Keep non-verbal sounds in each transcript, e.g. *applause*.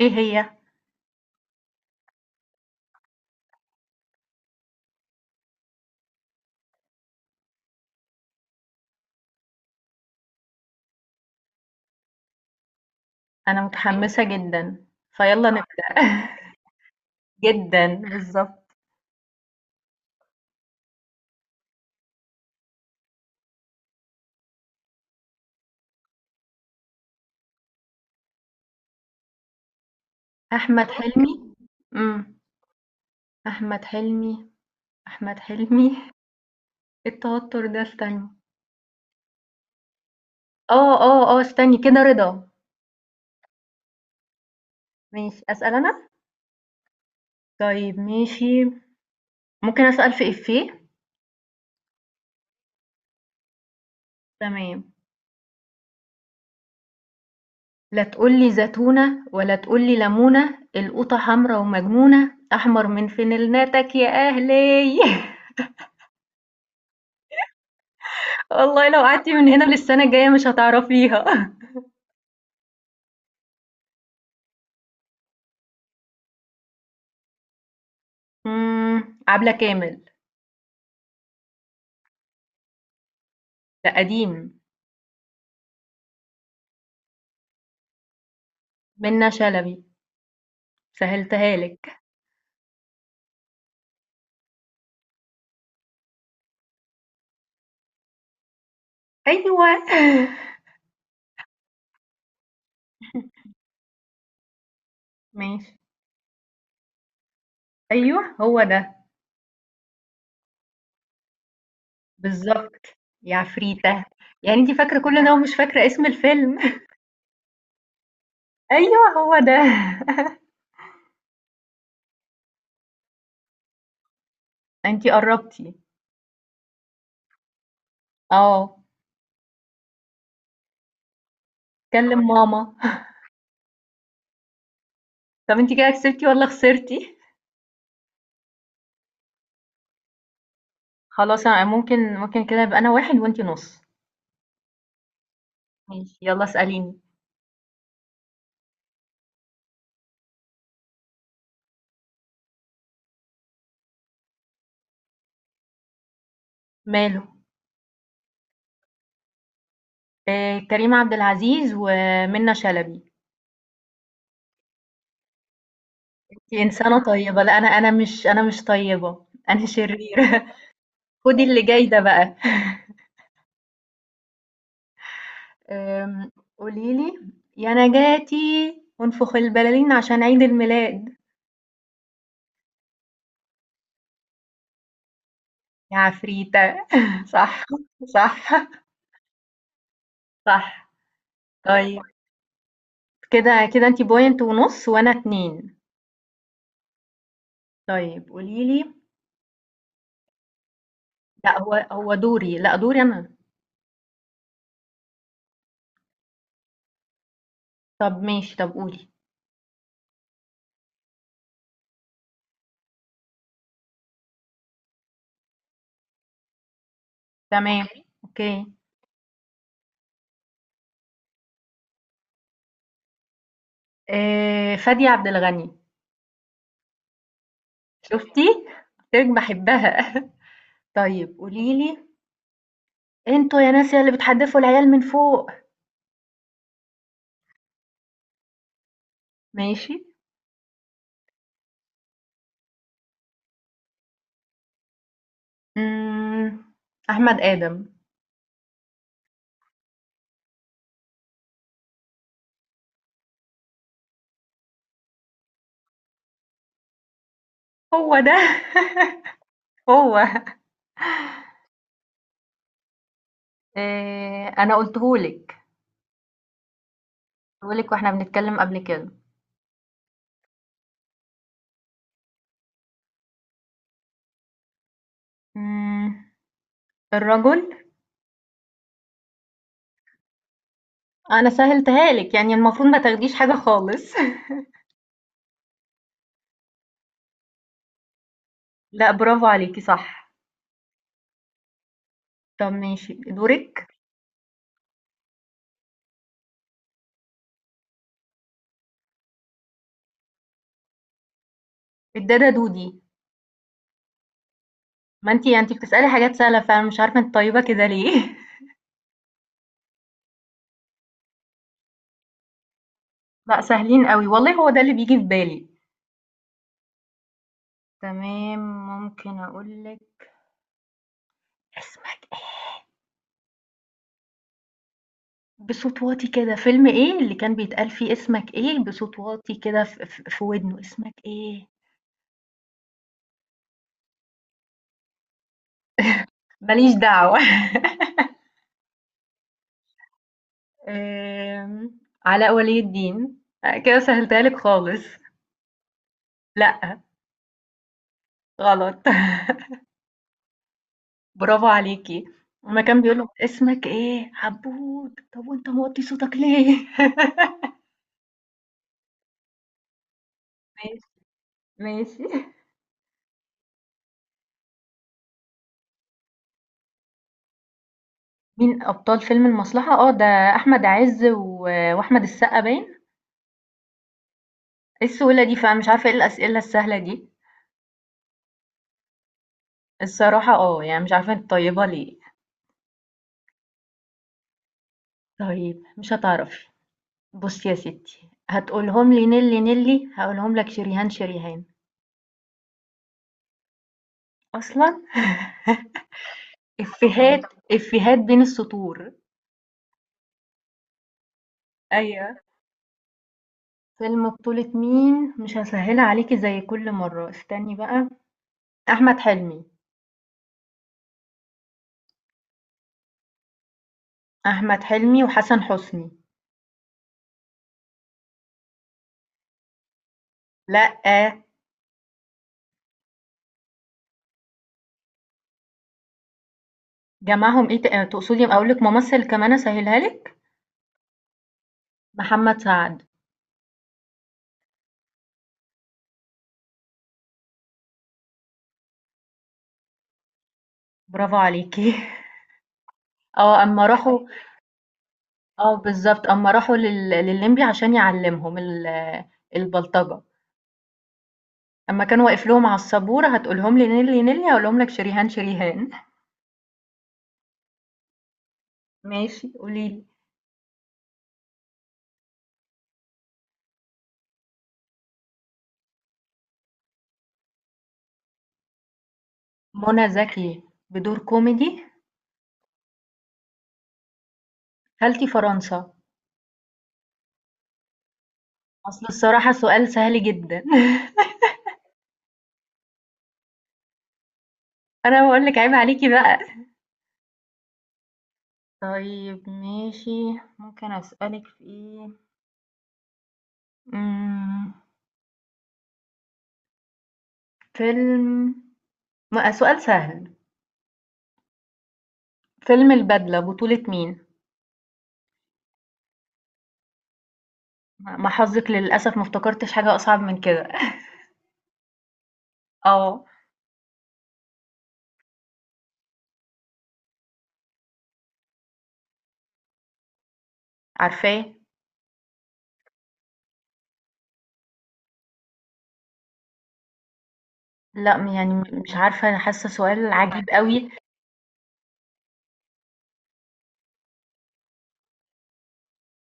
إيه هي؟ أنا متحمسة جدًا، فيالّا نبدأ. *laughs* جدًا، بالضبط. أحمد حلمي. إمم. أحمد حلمي، أحمد حلمي إيه التوتر ده استني. آه، آه، آه، استني كده رضا. ماشي، أسأل أنا؟ طيب ماشي، ممكن أسأل في إيفيه؟ تمام. لا تقول لي زتونة ولا تقول لي لمونة، القوطة حمرا ومجنونة، أحمر من فانلتك يا أهلي. *laughs* والله لو قعدتِ من هنا للسنة الجاية مش هتعرفيها. عبلة كامل، ده قديم، منة شلبي، سهلتها لِك، أيوه، *laughs* ماشي، أيوه هو ده، بالضبط، يا عفريتة، يعني أنتِ فاكرة كل ده ومش فاكرة اسم الفيلم. *laughs* أيوه هو ده، *laughs* أنتِ قربتِ، آه، كلم ماما. *laughs* طب أنتِ كده كسبتِ والّا خسرتِ؟ خلاص أنا ممكن كده يبقى أنا 1 وأنتِ نُص، ماشي، يالّا اسأليني، ماله؟ كريم عبد العزيز ومنة شلبي. دي إنسانة طيبة، لأ أنا مش طيبة، أنا شريرة. *laughs* خدي اللي جاي ده بقى. آمم، قولي لي يا نجاتي انفخ البلالين عشان عيد الميلاد يا عفريتة. *laughs* صح، صح، صح. طيب كده كده أنتِ point ونُص وأنا 2. طيب قولي لي، لأ هو دوري، لأ دوري أنا. طب ماشي، طب قولي. تمام، أوكي. فادية عبد الغني، شُفتِ؟ قُلت لِك باحبها. *laughs* طيب قولي لي، انتوا يا ناس يا اللي بتحدفوا العيال من فوق. ماشي. امم احمد ادم هو ده. *laughs* هو إيه، انا قلتهولك واحنا بنتكلم قبل كده. امم الرجل. انا سهلتها لك يعني المفروض ما تاخديش حاجة خالص. *laughs* لا برافو عليكي، صح. طب ماشي دورك. الدادا دودي. ما انتي يعني انتي بتسألي حاجات سهلة، فانا مش عارفة انت طيبة كده ليه. *laughs* لا سهلين قوي والله، هو ده اللي بيجي في بالي. تمام، ممكن أقول لِك اسمك إيه؟ بصوت واطي كده، فيلم إيه اللي كان بيتقال فيه اسمك إيه بصوت واطي كده ف ف في ودنه، اسمك إيه؟ ما ليش دعوة. *laughs* آمم، علاء ولي الدين، كده سهلتها لِك خالص، لأ، غلط. *laughs* برافو عليكِ، أمّا كان بيقول له اسمك إيه؟ عبود، طب وأنت موطّي صوتك ليه؟ *laughs* ماشي، ماشي. مين أبطال فيلم المصلحة؟ ده أحمد عز وأحمد السقا باين؟ إيه السهولة دي فعلًا مش عارفة إيه الأسئلة السهلة دي، الصراحة آه، يعني مش عارفة أنتِ طيبة ليه. طيب مش هتعرفي، بُصّي يا ستّي هتقولهم لي نيلي، نيلي، هاقولهم لك شريهان، شريهان. أصلًا. *laughs* إفيهات، إفيهات بين السطور. أيوه. فيلم بطولة مين؟ مش هاسهّلها عليكِ زي كل مرّة، استني بقى، أحمد حلمي، أحمد حلمي وحسن حسني. لأ، جمعهم إيه، تقصدي أقول لِك ممثل كمان أسهّلها لِك؟ محمد سعد. برافو عليكِ. *laughs* آه، أمّا راحوا آه بالضبط، أمّا راحوا لللمبي عشان يعلّمهم البلطجة، أمّا كان واقف لهم على السبورة "هتقولهم لي نيلي، نيلي، هاقولهم لك شريهان، شريهان." *laughs* ماشي، قولي لي. منى زكي بدور كوميدي، خالتي فرنسا، أصل الصراحة سؤال سهل جدًا. *laughs* أنا باقول لِك عيب عليكِ بقى. طيب ماشي، ممكن أسألِك في إيه؟ إمم، فيلم سؤال سهل، فيلم البدلة بطولة مين؟ ما حظِك للأسف ما افتكرتش حاجة أصعب من كده. آه، عارفاه. لأ، يعني مش عارفة أنا حاسة سؤال عجيب أوي.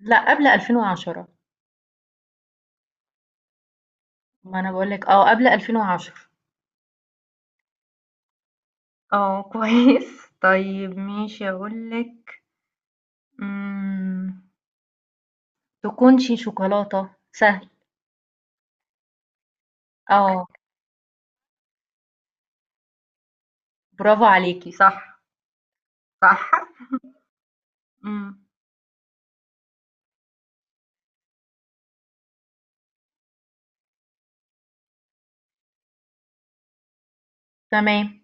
لأ، قبل 2010. ما أنا باقول لِك آه، قبل 2010. آه، كويس. *laughs* طيب ماشي أقول لِك، إمم، تكونشي شوكولاتة، سهل. آه، برافو عليكِ، صح، صح. إمم، تمام.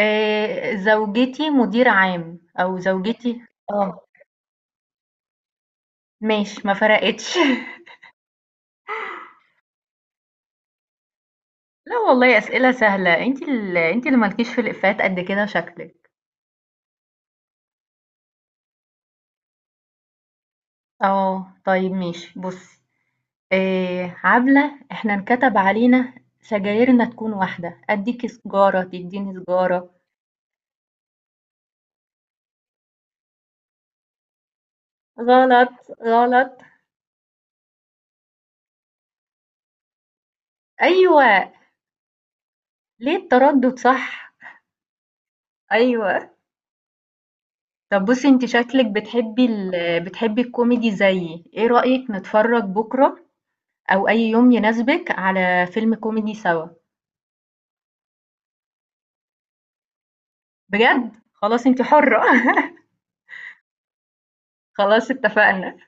زوجتي مدير عام أو زوجتي. آه، ماشي ما فرقتش. *laughs* لا والله أسئلة سهلة، انت اللي مالكيش في الإفيهات قد كده شكلك. اه طيب ماشي بصي، إيه عبلة احنا انكتب علينا سجايرنا تكون واحدة اديكي سجارة تديني سجارة. غلط غلط. ايوه. ليه التردد؟ صح؟ ايوه. طب بصي انت شكلك بتحبي الكوميدي زيي، ايه رأيك نتفرج بكرة او اي يوم يناسبك على فيلم كوميدي سوا؟ بجد خلاص انت حرة. *laughs* خلاص اتفقنا.